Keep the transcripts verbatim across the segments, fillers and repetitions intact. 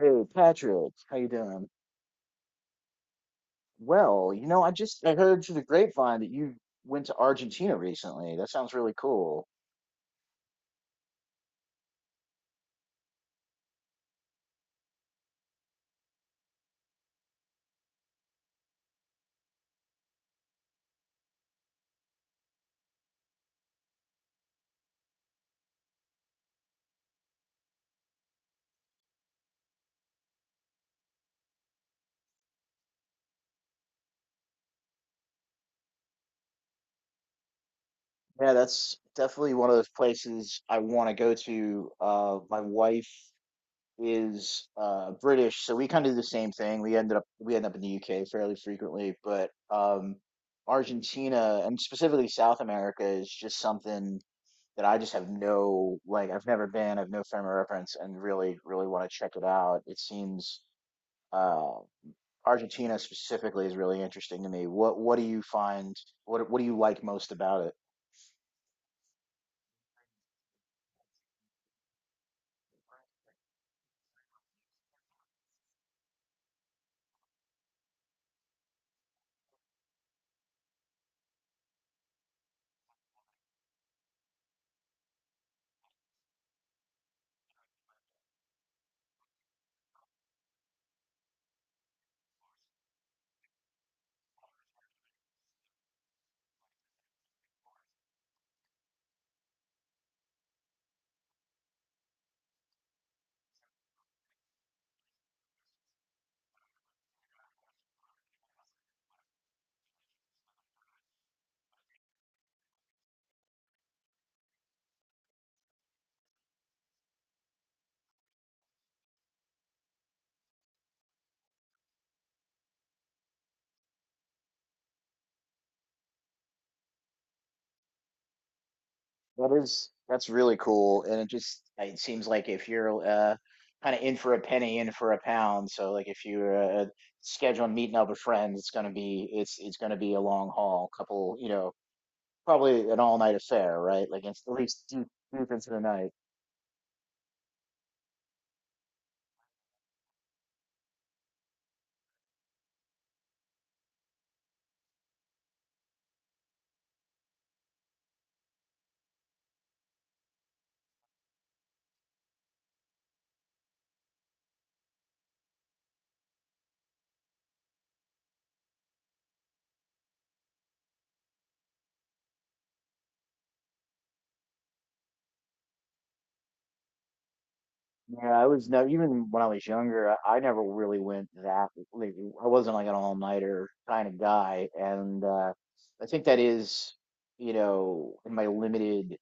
Hey, Patrick, how you doing? Well, you know, I just I heard through the grapevine that you went to Argentina recently. That sounds really cool. Yeah, that's definitely one of those places I want to go to. Uh, my wife is uh, British, so we kind of do the same thing. We ended up we end up in the U K fairly frequently, but um, Argentina and specifically South America is just something that I just have no like I've never been, I've no frame of reference, and really really want to check it out. It seems uh, Argentina specifically is really interesting to me. What what do you find? What what do you like most about it? That is that's really cool, and it just it seems like if you're uh, kind of in for a penny, in for a pound. So like if you're uh, scheduling meeting up with friends, it's gonna be it's it's gonna be a long haul, couple you know probably an all night affair, right? Like it's at least deep deep into the night. Yeah, I was never even when I was younger, I, I never really went that like I wasn't like an all-nighter kind of guy. And uh I think that is, you know, in my limited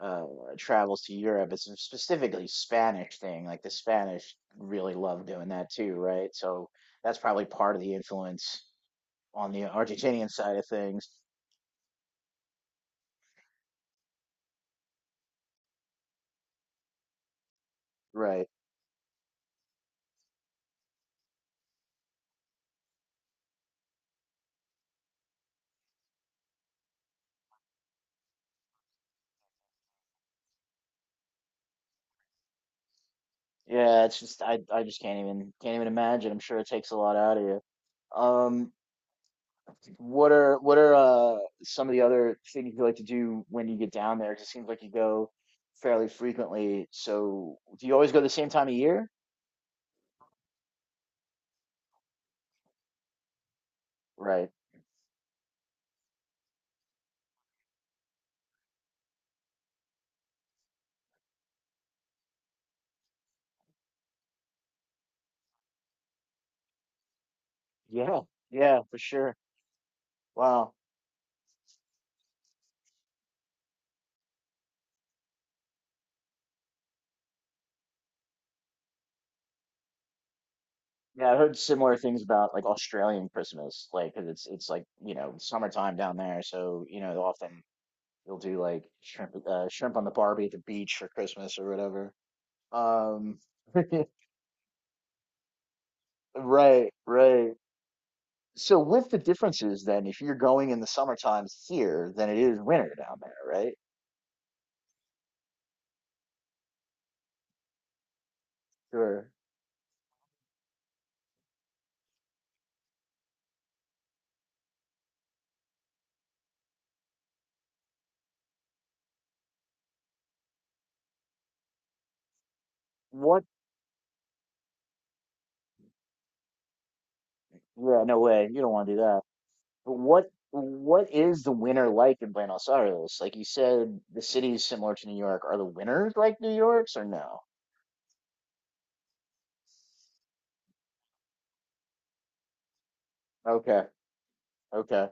uh travels to Europe, it's a specifically Spanish thing. Like the Spanish really love doing that too, right? So that's probably part of the influence on the Argentinian side of things. Right. Yeah, it's just I I just can't even can't even imagine. I'm sure it takes a lot out of you. Um, What are what are uh some of the other things you like to do when you get down there? 'Cause it seems like you go fairly frequently. So do you always go the same time of year? Right. Yeah. Yeah, for sure. Wow. Yeah, I heard similar things about like Australian Christmas, like 'cause it's it's like, you know, summertime down there, so you know, often you'll do like shrimp uh, shrimp on the Barbie at the beach for Christmas or whatever. Um, right, right. So with the differences then, if you're going in the summer times here, then it is winter down there, right? Sure. What? Yeah, no way. You don't want to do that. But what what is the winter like in Buenos Aires? Like you said, the cities similar to New York. Are the winters like New York's or no? Okay. Okay.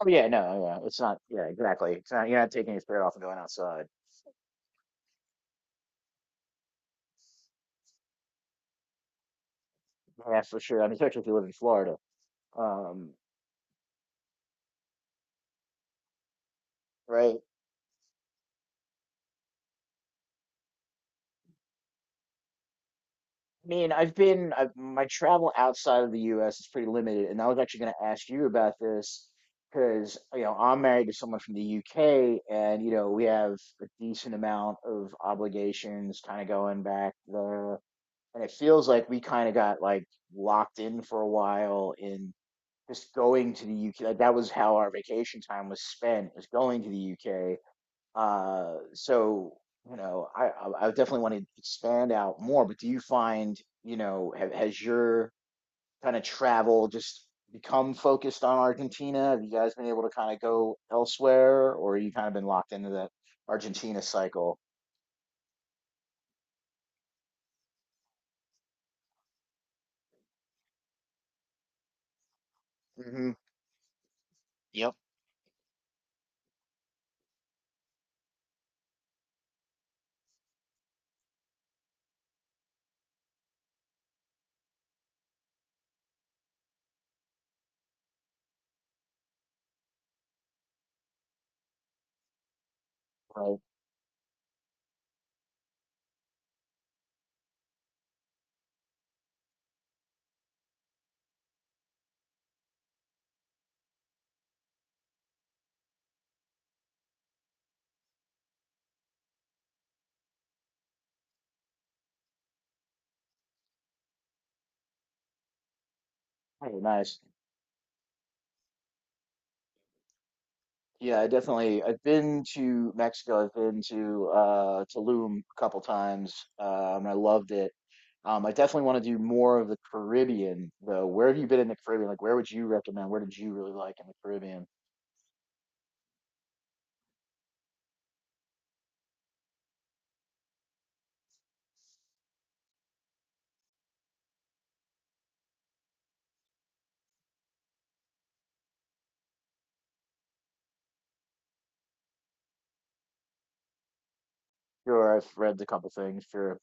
Oh yeah, no, yeah. It's not yeah, exactly. It's not you're not taking your spirit off and going outside. Yeah, for sure. I mean, especially if you live in Florida. Um, right? I mean, I've been I've, my travel outside of the U S is pretty limited, and I was actually going to ask you about this because you know I'm married to someone from the U K and you know we have a decent amount of obligations kind of going back there, and it feels like we kind of got like locked in for a while in just going to the U K. Like that was how our vacation time was spent, was going to the U K. Uh, so, you know, I, I I definitely want to expand out more, but do you find, you know, have, has your kind of travel just become focused on Argentina? Have you guys been able to kind of go elsewhere, or you kind of been locked into that Argentina cycle? Hmm. Yep. Right. Oh, nice. Yeah, I definitely. I've been to Mexico. I've been to uh, Tulum a couple times, um, and I loved it. Um, I definitely want to do more of the Caribbean, though. Where have you been in the Caribbean? Like, where would you recommend? Where did you really like in the Caribbean? Sure, I've read a couple things. Sure,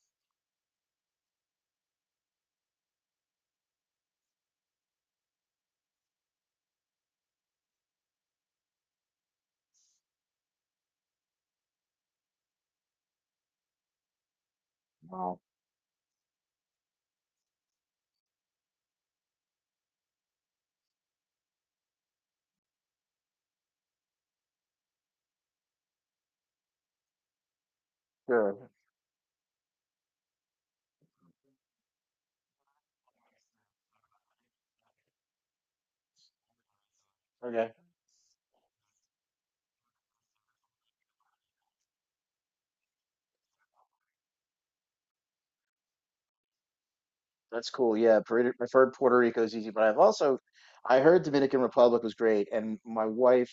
well, sure. Okay, that's cool. Yeah, Puerto, I've heard Puerto Rico is easy, but I've also I heard Dominican Republic was great, and my wife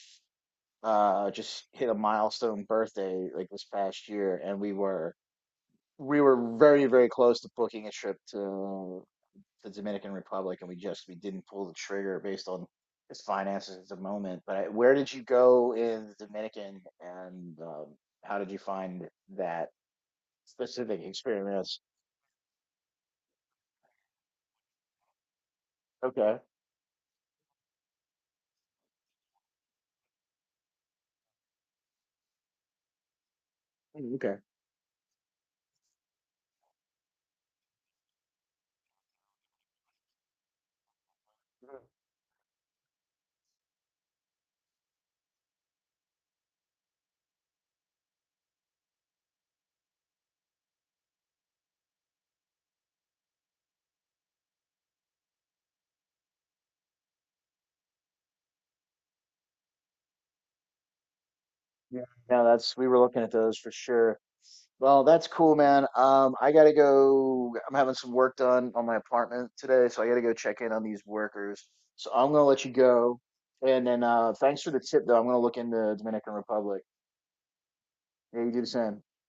uh, just hit a milestone birthday like this past year, and we were we were very, very close to booking a trip to the Dominican Republic, and we just we didn't pull the trigger based on his finances at the moment. But I, where did you go in the Dominican, and um, how did you find that specific experience? Okay, mm, okay. Yeah, no, that's we were looking at those for sure. Well, that's cool, man. Um, I gotta go. I'm having some work done on my apartment today, so I gotta go check in on these workers. So I'm gonna let you go. And then uh, thanks for the tip, though. I'm gonna look into Dominican Republic. Yeah, you do the same.